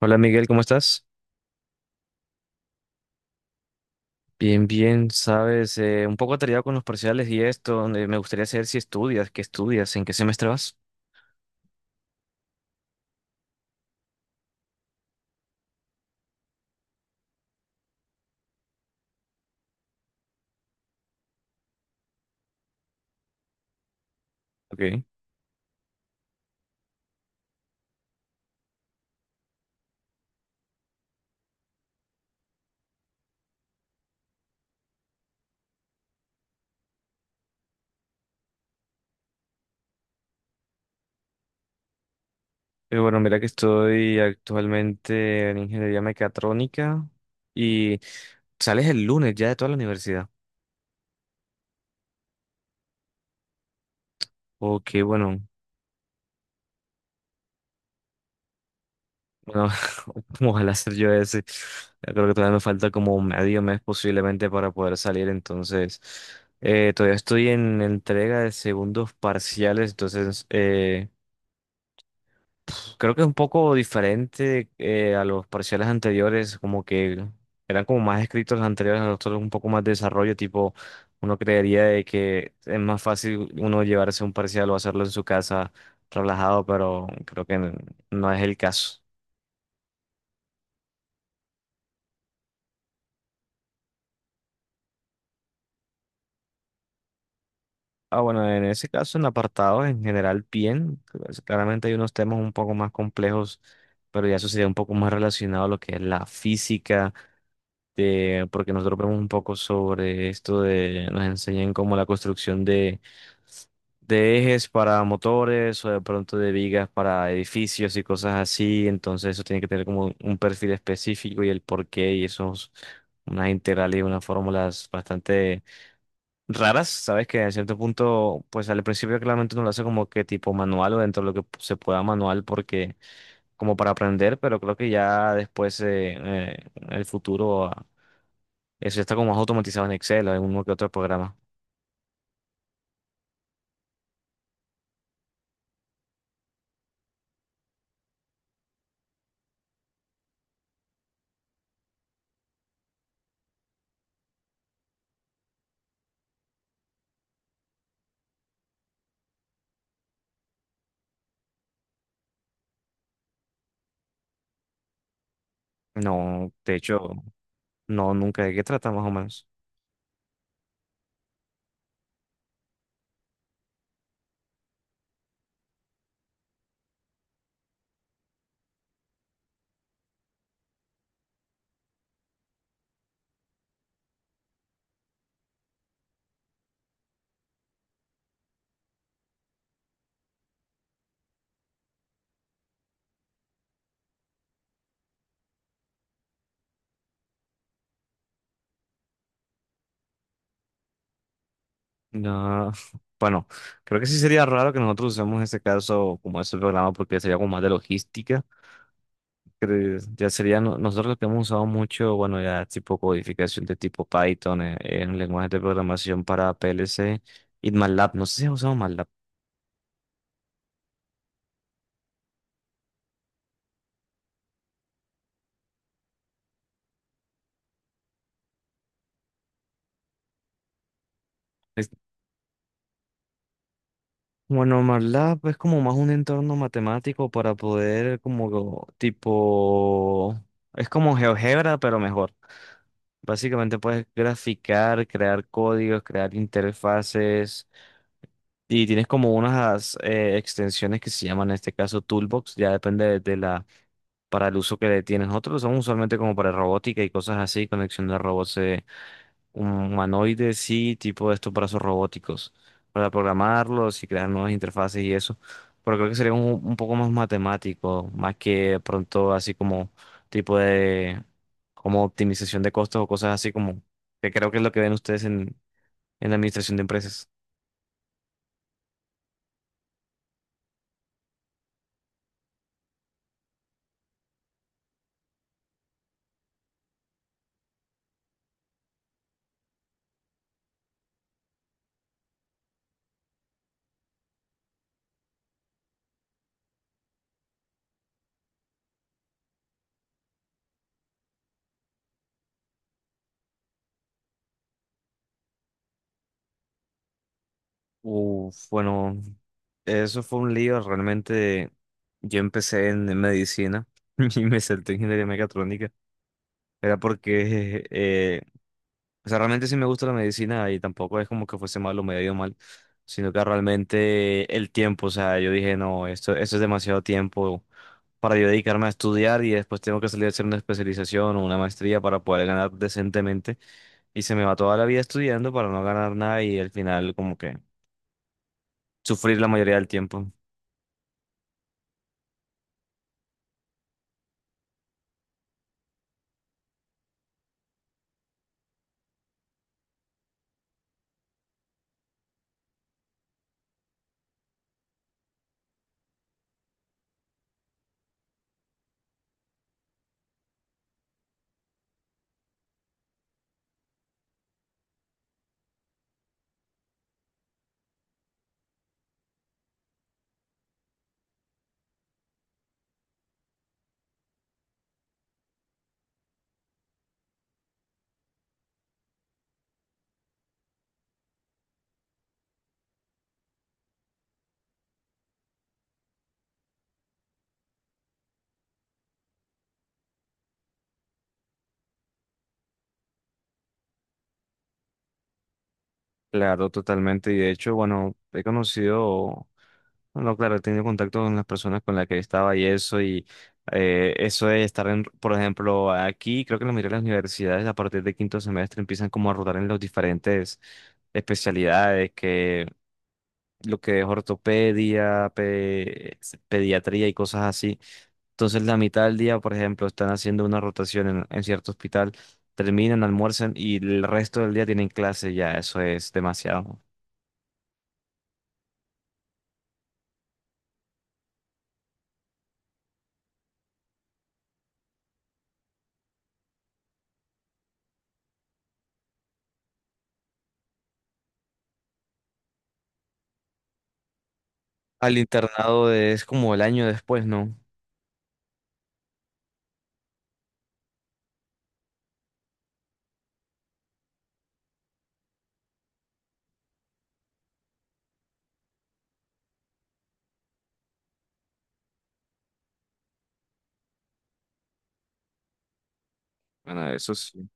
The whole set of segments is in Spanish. Hola Miguel, ¿cómo estás? Bien, bien, sabes, un poco atareado con los parciales y esto, donde me gustaría saber si estudias, qué estudias, en qué semestre vas. Ok. Bueno, mira que estoy actualmente en ingeniería mecatrónica y sales el lunes ya de toda la universidad. Ok, bueno. Bueno, ¿cómo ojalá hacer yo ese? Yo creo que todavía me falta como medio mes posiblemente para poder salir, entonces todavía estoy en entrega de segundos parciales, entonces pues, creo que es un poco diferente a los parciales anteriores, como que eran como más escritos los anteriores, los otros un poco más de desarrollo, tipo uno creería de que es más fácil uno llevarse un parcial o hacerlo en su casa relajado, pero creo que no es el caso. Ah, bueno, en ese caso, en apartados en general, bien. Pues, claramente hay unos temas un poco más complejos, pero ya eso sería un poco más relacionado a lo que es la física, de, porque nosotros vemos un poco sobre esto de, nos enseñan como la construcción de ejes para motores o de pronto de vigas para edificios y cosas así. Entonces eso tiene que tener como un perfil específico y el porqué y esos, unas integrales y unas fórmulas bastante raras, sabes que en cierto punto, pues al principio claramente uno lo hace como que tipo manual o dentro de lo que se pueda manual porque como para aprender, pero creo que ya después en el futuro eso ya está como más automatizado en Excel o en uno que otro programa. No, de hecho, no, nunca. ¿De qué trata más o menos? No. Bueno, creo que sí sería raro que nosotros usemos en este caso como ese programa porque sería como más de logística. Creo- ya sería, no- nosotros lo que hemos usado mucho, bueno, ya tipo codificación de tipo Python en, lenguajes de programación para PLC y MATLAB. No sé si has usado MATLAB. Es- bueno, MATLAB es como más un entorno matemático para poder como tipo, es como GeoGebra, pero mejor. Básicamente puedes graficar, crear códigos, crear interfaces. Y tienes como unas extensiones que se llaman en este caso Toolbox, ya depende de la para el uso que le tienen. Otros lo usamos usualmente como para robótica y cosas así, conexión de robots humanoides, sí, tipo de estos brazos robóticos, para programarlos y crear nuevas interfaces y eso. Pero creo que sería un poco más matemático, más que de pronto así como tipo de como optimización de costos o cosas así como que creo que es lo que ven ustedes en la administración de empresas. Uf, bueno, eso fue un lío. Realmente yo empecé en medicina y me salté en ingeniería mecatrónica. Era porque, o sea, realmente sí me gusta la medicina y tampoco es como que fuese malo o me haya ido mal, sino que realmente el tiempo, o sea, yo dije, no, esto es demasiado tiempo para yo dedicarme a estudiar y después tengo que salir a hacer una especialización o una maestría para poder ganar decentemente. Y se me va toda la vida estudiando para no ganar nada y al final como que sufrir la mayoría del tiempo. Claro, totalmente. Y de hecho, bueno, he conocido, bueno, claro, he tenido contacto con las personas con las que estaba y eso de estar en, por ejemplo, aquí, creo que la mayoría de las universidades a partir de quinto semestre empiezan como a rotar en las diferentes especialidades, que lo que es ortopedia, pediatría y cosas así. Entonces, la mitad del día, por ejemplo, están haciendo una rotación en cierto hospital, terminan, almuerzan y el resto del día tienen clase, ya, eso es demasiado. Al internado de- es como el año después, ¿no? Bueno, eso sí.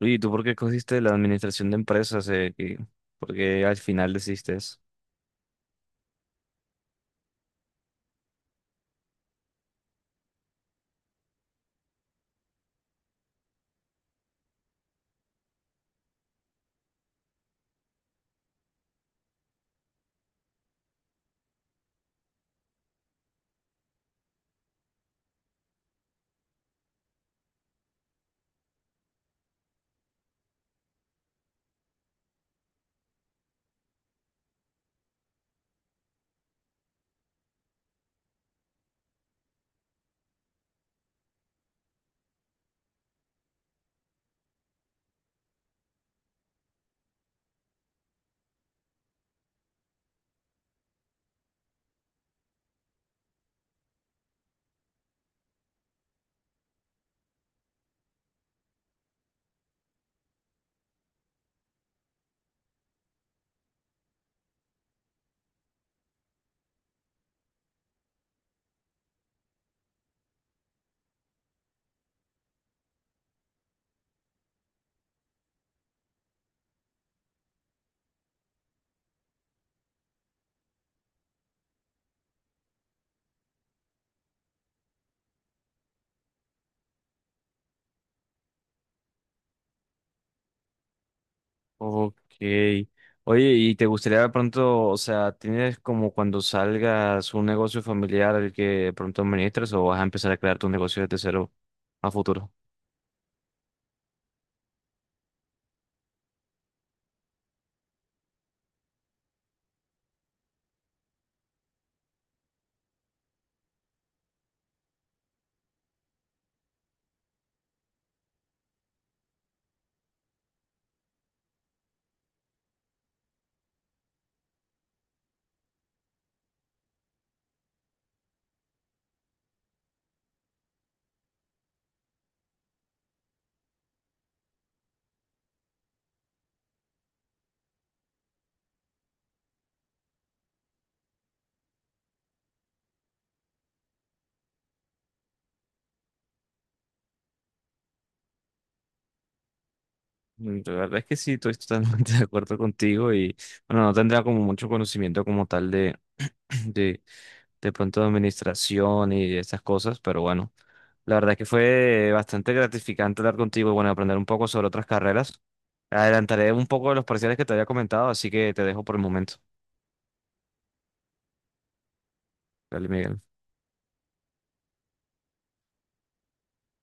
Oye, ¿y tú por qué cogiste la administración de empresas? ¿Por qué al final decidiste eso? Ok. Oye, ¿y te gustaría de pronto, o sea, tienes como cuando salgas un negocio familiar el que de pronto administres o vas a empezar a crear tu negocio desde cero a futuro? Mm, la verdad es que sí, estoy totalmente de acuerdo contigo y bueno, no tendría como mucho conocimiento como tal de, de, de pronto de administración y de estas cosas, pero bueno. La verdad es que fue bastante gratificante hablar contigo y bueno, aprender un poco sobre otras carreras. Adelantaré un poco de los parciales que te había comentado, así que te dejo por el momento. Dale, Miguel.